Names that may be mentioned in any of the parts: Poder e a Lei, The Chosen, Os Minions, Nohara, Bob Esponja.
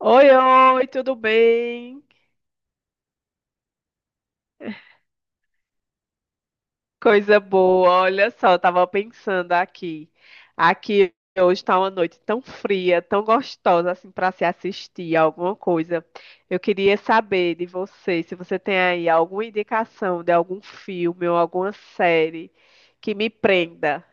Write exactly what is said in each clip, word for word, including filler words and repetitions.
Oi, oi, tudo bem? Coisa boa. Olha só, eu tava pensando aqui. Aqui hoje tá uma noite tão fria, tão gostosa assim para se assistir alguma coisa. Eu queria saber de você, se você tem aí alguma indicação de algum filme ou alguma série que me prenda.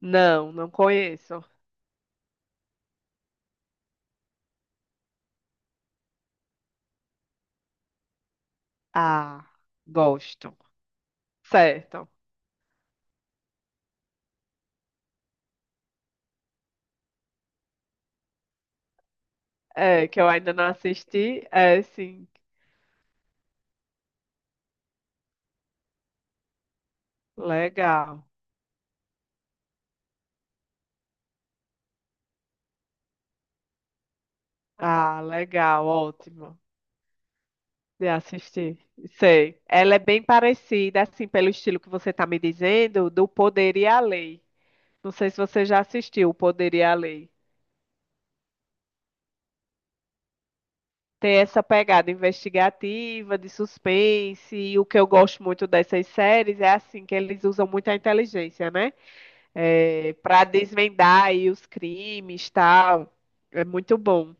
Não, não conheço. Ah, gosto. Certo. É, que eu ainda não assisti. É, sim. Legal. Ah, legal, ótimo. Já assisti. Sei. Ela é bem parecida, assim, pelo estilo que você está me dizendo, do Poder e a Lei. Não sei se você já assistiu o Poder e a Lei. Tem essa pegada investigativa, de suspense, e o que eu gosto muito dessas séries é assim que eles usam muito a inteligência, né, para desvendar aí os crimes, tal. É muito bom.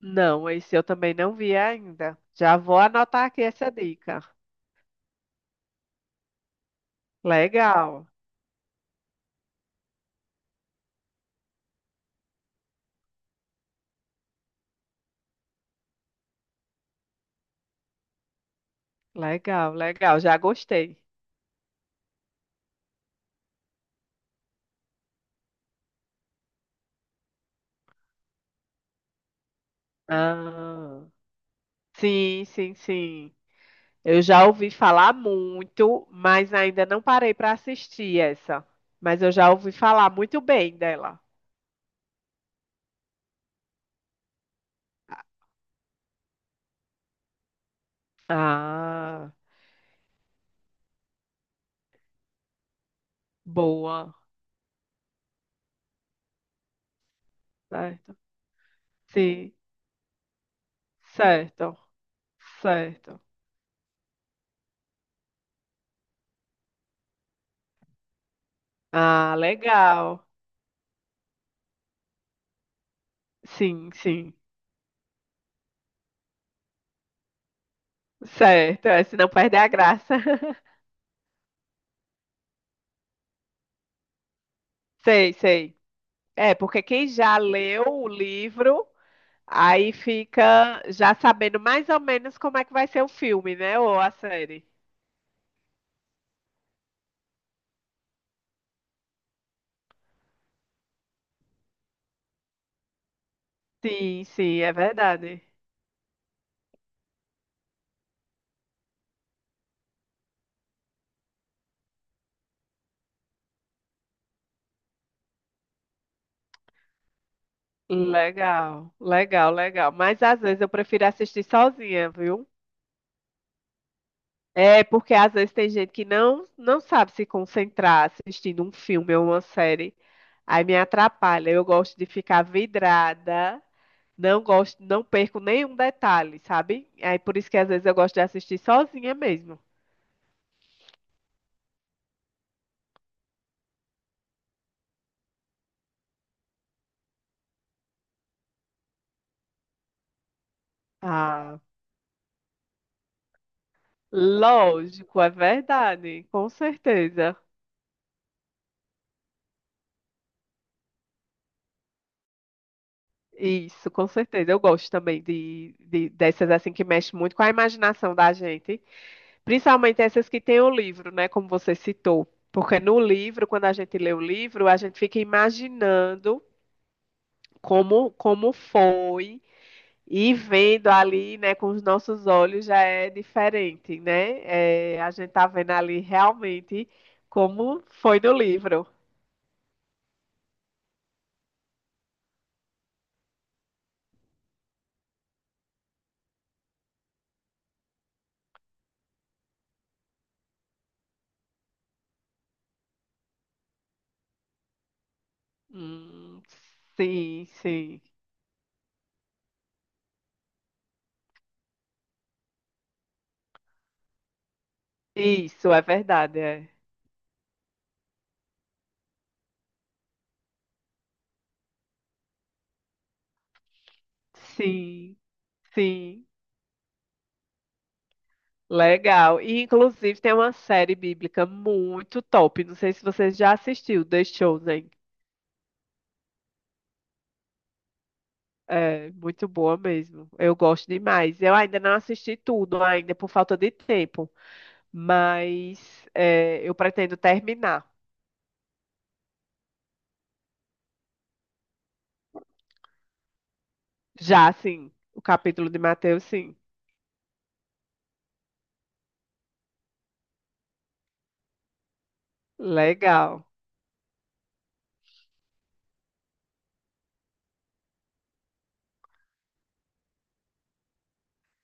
Não, esse eu também não vi ainda. Já vou anotar aqui essa dica. Legal, legal, legal. Já gostei. Ah, sim, sim, sim. Eu já ouvi falar muito, mas ainda não parei para assistir essa. Mas eu já ouvi falar muito bem dela. Ah, boa. Certo. Sim, certo, certo. Ah, legal. Sim, sim. Certo, é, se não perder a graça. Sei, sei. É, porque quem já leu o livro, aí fica já sabendo mais ou menos como é que vai ser o filme, né? Ou a série. Sim, sim, é verdade. Legal, legal, legal. Mas às vezes eu prefiro assistir sozinha, viu? É porque às vezes tem gente que não não sabe se concentrar assistindo um filme ou uma série. Aí me atrapalha. Eu gosto de ficar vidrada. Não gosto, não perco nenhum detalhe, sabe? Aí por isso que às vezes eu gosto de assistir sozinha mesmo. Ah, lógico, é verdade, com certeza. Isso, com certeza. Eu gosto também de, de- dessas assim que mexem muito com a imaginação da gente, principalmente essas que têm o livro, né, como você citou. Porque no livro, quando a gente lê o livro, a gente fica imaginando como como foi e vendo ali, né, com os nossos olhos já é diferente, né? É, a gente tá vendo ali realmente como foi no livro. Hum, sim, sim. Isso é verdade, é. Sim, sim. Legal. E inclusive tem uma série bíblica muito top. Não sei se você já assistiu, The Chosen. É muito boa mesmo. Eu gosto demais. Eu ainda não assisti tudo ainda por falta de tempo, mas é, eu pretendo terminar. Já, sim. O capítulo de Mateus, sim. Legal.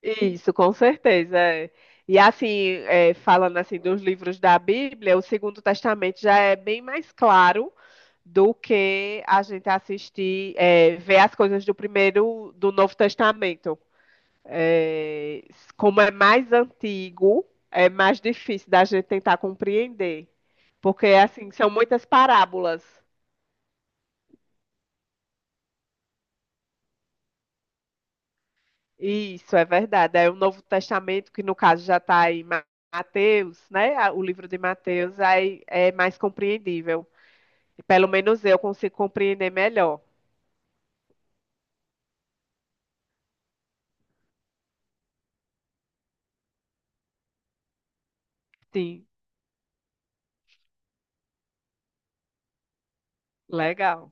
Isso, com certeza. É. E assim, é, falando assim dos livros da Bíblia, o Segundo Testamento já é bem mais claro do que a gente assistir, é, ver as coisas do primeiro, do Novo Testamento. É, como é mais antigo, é mais difícil da gente tentar compreender, porque assim são muitas parábolas. Isso é verdade. É o Novo Testamento, que no caso já está em Ma- Mateus, né? A- O livro de Mateus aí é mais compreendível. Pelo menos eu consigo compreender melhor. Sim, legal.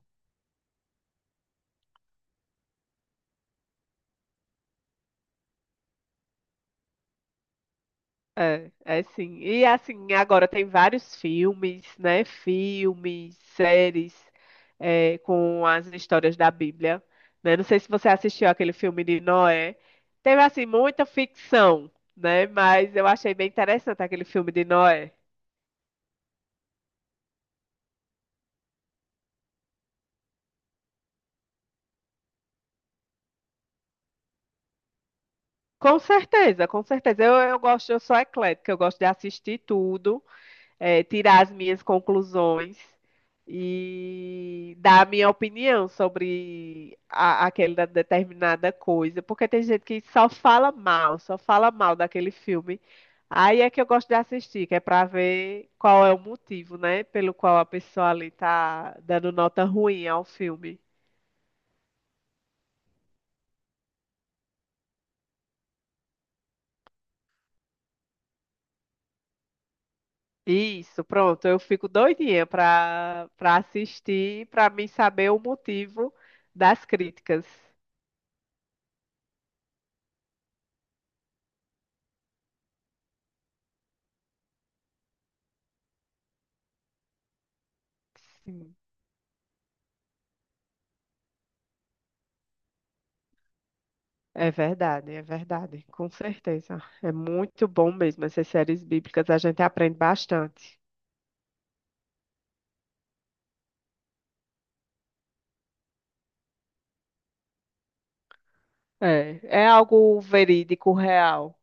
É, é sim. E assim, agora tem vários filmes, né? Filmes, séries, é, com as histórias da Bíblia, né? Não sei se você assistiu aquele filme de Noé. Teve assim muita ficção, né? Mas eu achei bem interessante aquele filme de Noé. Com certeza, com certeza. Eu, eu gosto, eu sou eclética, eu gosto de assistir tudo, eh, tirar as minhas conclusões e dar a minha opinião sobre a- aquela determinada coisa, porque tem gente que só fala mal, só fala mal daquele filme. Aí é que eu gosto de assistir, que é para ver qual é o motivo, né, pelo qual a pessoa ali tá dando nota ruim ao filme. Isso, pronto. Eu fico doidinha para para assistir, para mim saber o motivo das críticas. Sim, é verdade, é verdade, com certeza. É muito bom mesmo essas séries bíblicas, a gente aprende bastante. É, é algo verídico, real.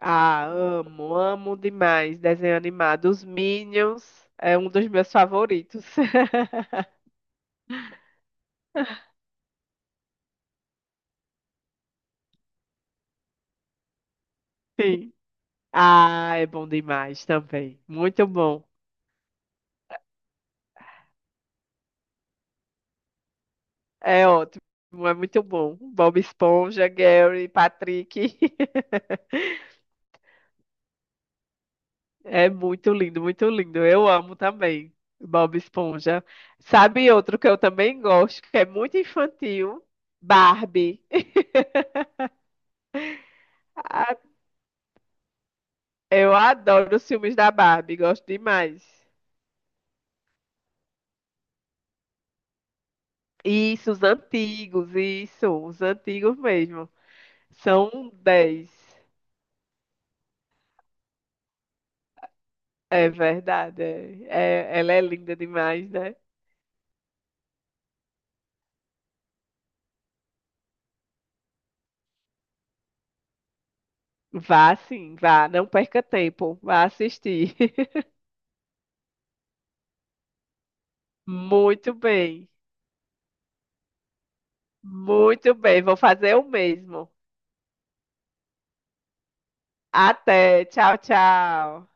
Ah, amo, amo demais desenho animado. Os Minions é um dos meus favoritos. Sim. Ah, é bom demais também. Muito bom. É ótimo, é muito bom. Bob Esponja, Gary, Patrick. É muito lindo, muito lindo. Eu amo também Bob Esponja. Sabe outro que eu também gosto, que é muito infantil? Barbie. A- Eu adoro os filmes da Barbie, gosto demais. Isso, os antigos, isso, os antigos mesmo. São dez. É verdade. É. É- ela é linda demais, né? Vá sim, vá, não perca tempo, vá assistir. Muito bem, muito bem, vou fazer o mesmo. Até, tchau, tchau.